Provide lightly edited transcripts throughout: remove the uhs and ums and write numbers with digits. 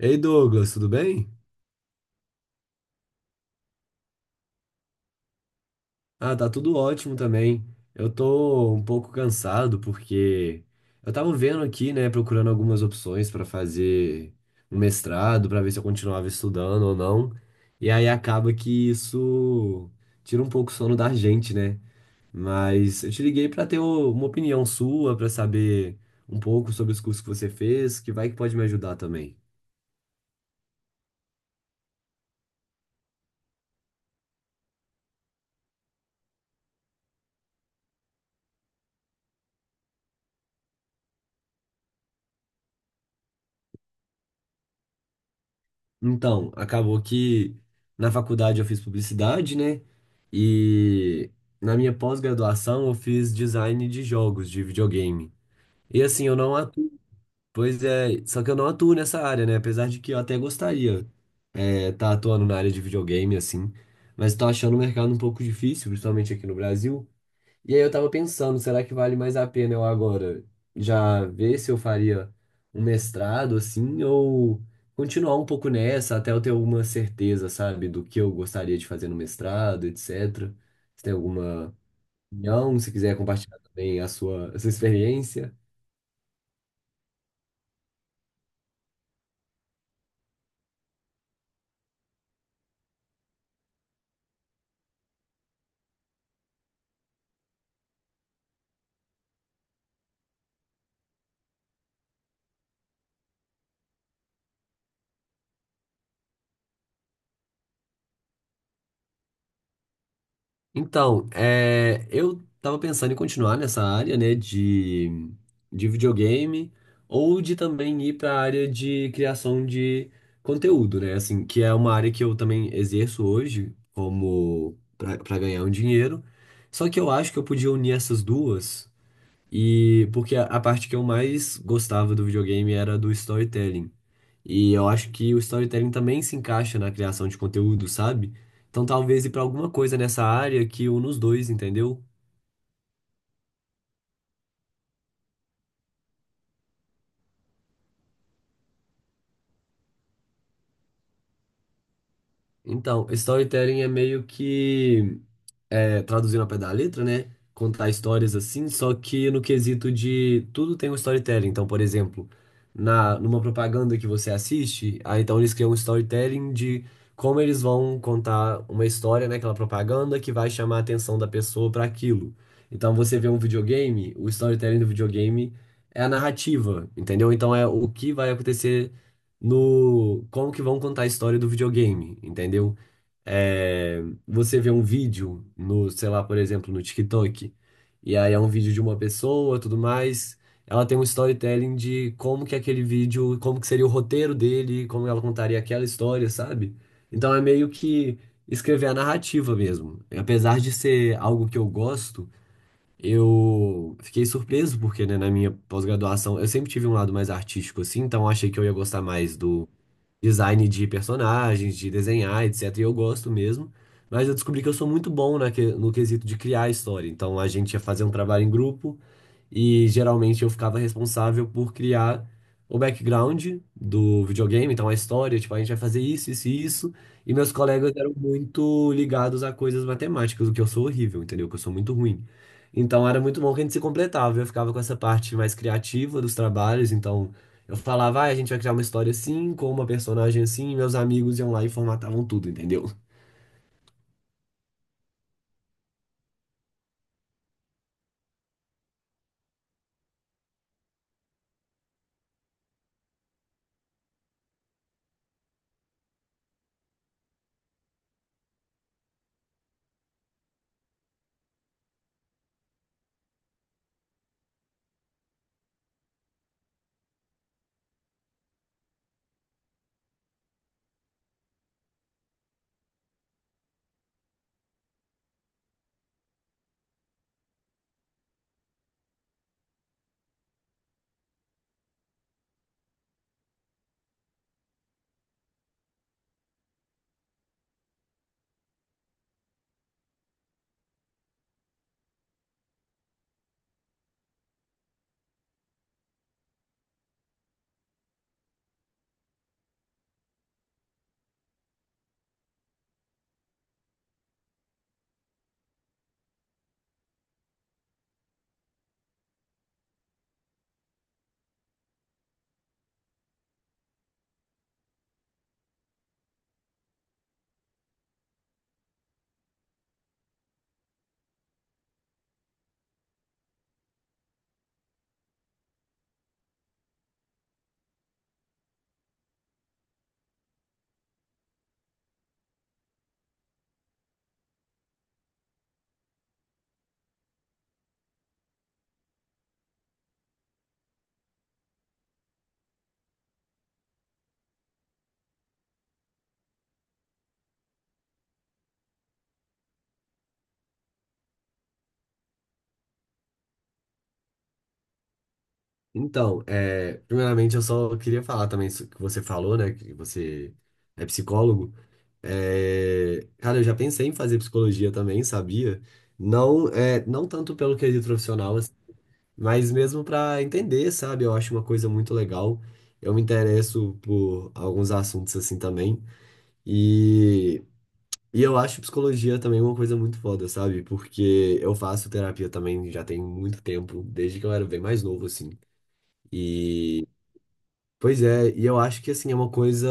Ei Douglas, tudo bem? Ah, tá tudo ótimo também. Eu tô um pouco cansado porque eu tava vendo aqui, né, procurando algumas opções pra fazer um mestrado, pra ver se eu continuava estudando ou não. E aí acaba que isso tira um pouco o sono da gente, né? Mas eu te liguei pra ter uma opinião sua, pra saber um pouco sobre os cursos que você fez, que vai que pode me ajudar também. Então, acabou que na faculdade eu fiz publicidade, né? E na minha pós-graduação eu fiz design de jogos de videogame. E assim, eu não atuo, pois é, só que eu não atuo nessa área, né? Apesar de que eu até gostaria tá atuando na área de videogame, assim, mas tô achando o mercado um pouco difícil, principalmente aqui no Brasil. E aí eu tava pensando, será que vale mais a pena eu agora já ver se eu faria um mestrado assim ou continuar um pouco nessa até eu ter alguma certeza, sabe, do que eu gostaria de fazer no mestrado, etc. Se tem alguma opinião, se quiser compartilhar também a sua experiência. Então, eu tava pensando em continuar nessa área, né, de videogame, ou de também ir para a área de criação de conteúdo, né, assim, que é uma área que eu também exerço hoje como para ganhar um dinheiro. Só que eu acho que eu podia unir essas duas e porque a parte que eu mais gostava do videogame era do storytelling. E eu acho que o storytelling também se encaixa na criação de conteúdo, sabe? Então talvez ir pra alguma coisa nessa área que une os dois, entendeu? Então, storytelling é meio que traduzindo ao pé da letra, né? Contar histórias assim, só que no quesito de tudo tem um storytelling. Então, por exemplo, numa propaganda que você assiste, aí então eles criam um storytelling de como eles vão contar uma história naquela propaganda que vai chamar a atenção da pessoa para aquilo. Então, você vê um videogame, o storytelling do videogame é a narrativa, entendeu? Então, é o que vai acontecer no. Como que vão contar a história do videogame, entendeu? é, Você vê um vídeo no, sei lá, por exemplo, no TikTok, e aí é um vídeo de uma pessoa, tudo mais, ela tem um storytelling de como que aquele vídeo, como que seria o roteiro dele, como ela contaria aquela história, sabe? Então é meio que escrever a narrativa mesmo. Apesar de ser algo que eu gosto, eu fiquei surpreso porque, né, na minha pós-graduação, eu sempre tive um lado mais artístico, assim, então eu achei que eu ia gostar mais do design de personagens, de desenhar, etc. E eu gosto mesmo. Mas eu descobri que eu sou muito bom no quesito de criar a história. Então a gente ia fazer um trabalho em grupo e geralmente eu ficava responsável por criar o background do videogame, então a história, tipo, a gente vai fazer isso, isso e isso. E meus colegas eram muito ligados a coisas matemáticas, o que eu sou horrível, entendeu? Que eu sou muito ruim. Então era muito bom que a gente se completava. Eu ficava com essa parte mais criativa dos trabalhos, então eu falava, ah, a gente vai criar uma história assim, com uma personagem assim, e meus amigos iam lá e formatavam tudo, entendeu? Então, primeiramente eu só queria falar também isso que você falou, né? Que você é psicólogo. Cara, eu já pensei em fazer psicologia também, sabia? Não, não tanto pelo quesito profissional, assim, mas mesmo para entender, sabe? Eu acho uma coisa muito legal. Eu me interesso por alguns assuntos assim também. E, eu acho psicologia também uma coisa muito foda, sabe? Porque eu faço terapia também já tem muito tempo, desde que eu era bem mais novo, assim. Pois é, e eu acho que assim é uma coisa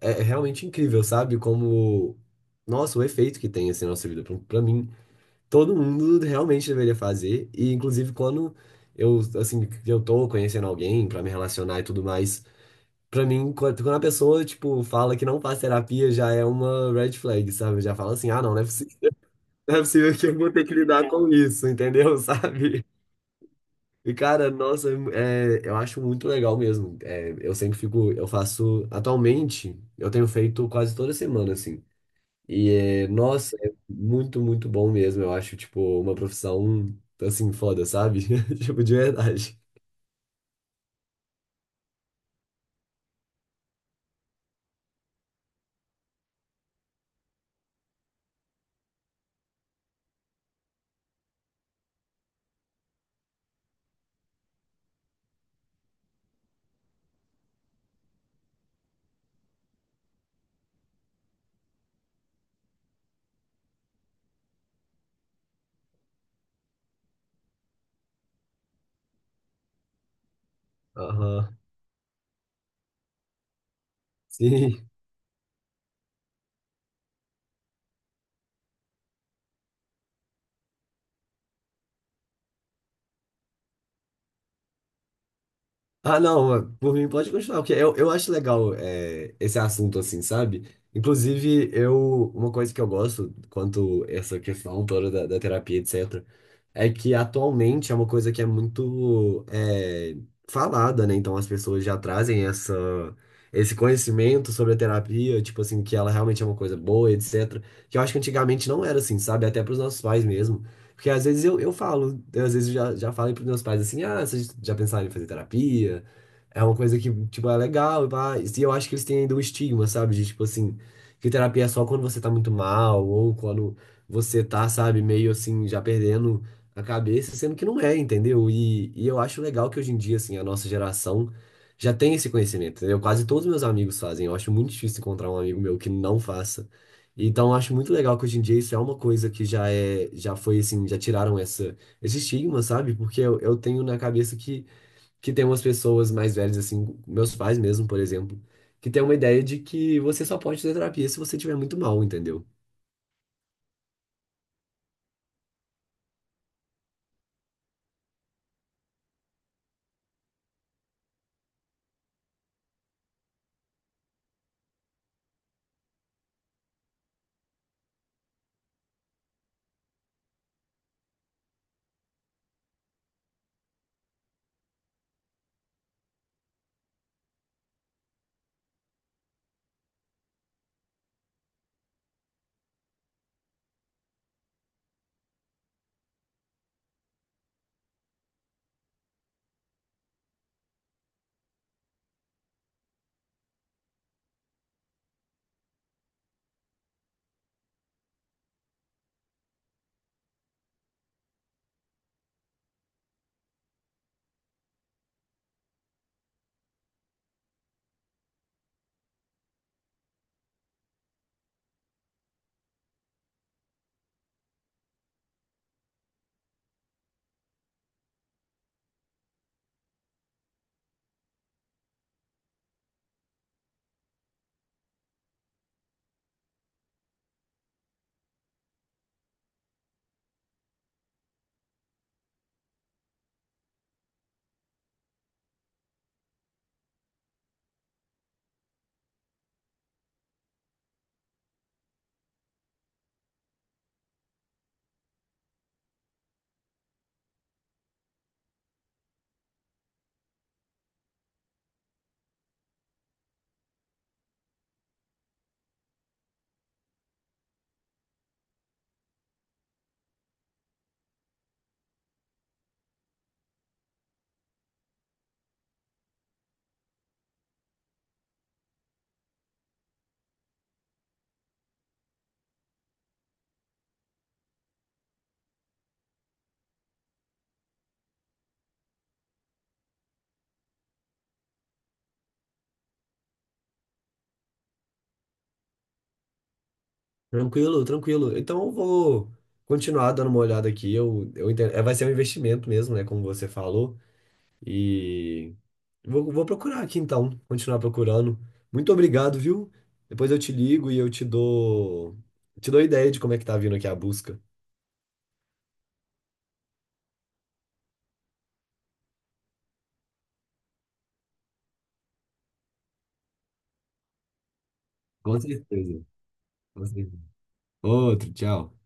é realmente incrível, sabe? Como nossa, o efeito que tem assim na nossa vida. Pra mim, todo mundo realmente deveria fazer e inclusive quando eu assim, que eu tô conhecendo alguém pra me relacionar e tudo mais, pra mim quando a pessoa tipo fala que não faz terapia já é uma red flag, sabe? Já fala assim: "Ah, não, não é possível, não é possível que eu vou ter que lidar com isso", entendeu? Sabe? E, cara, nossa, eu acho muito legal mesmo. Eu sempre fico, eu faço, atualmente, eu tenho feito quase toda semana, assim. E, é, nossa, é muito, muito bom mesmo. Eu acho, tipo, uma profissão, assim, foda, sabe? Tipo, de verdade. Aham. Sim. Ah, não, por mim pode continuar, porque eu acho legal esse assunto, assim, sabe? Inclusive, uma coisa que eu gosto quanto essa questão toda da terapia, etc. é que atualmente é uma coisa que é muito falada, né? Então as pessoas já trazem essa, esse conhecimento sobre a terapia, tipo assim, que ela realmente é uma coisa boa, etc. Que eu acho que antigamente não era assim, sabe? Até pros nossos pais mesmo. Porque às vezes eu falo, eu, às vezes já falei pros meus pais assim, ah, vocês já pensaram em fazer terapia? É uma coisa que, tipo, é legal, e pá. E eu acho que eles têm ainda um estigma, sabe? De, tipo assim, que terapia é só quando você tá muito mal, ou quando você tá, sabe, meio assim, já perdendo a cabeça, sendo que não é, entendeu? E, eu acho legal que hoje em dia, assim, a nossa geração já tem esse conhecimento, entendeu? Quase todos os meus amigos fazem. Eu acho muito difícil encontrar um amigo meu que não faça. Então, eu acho muito legal que hoje em dia isso é uma coisa que já é, já foi assim, já tiraram essa, esse estigma, sabe? Porque eu tenho na cabeça que tem umas pessoas mais velhas, assim, meus pais mesmo, por exemplo, que tem uma ideia de que você só pode fazer terapia se você estiver muito mal, entendeu? Tranquilo, tranquilo. Então eu vou continuar dando uma olhada aqui. Eu entendo. Vai ser um investimento mesmo, né? Como você falou. E vou procurar aqui então, continuar procurando. Muito obrigado, viu? Depois eu te ligo e eu te dou ideia de como é que tá vindo aqui a busca. Com certeza. Com certeza. Outro, tchau.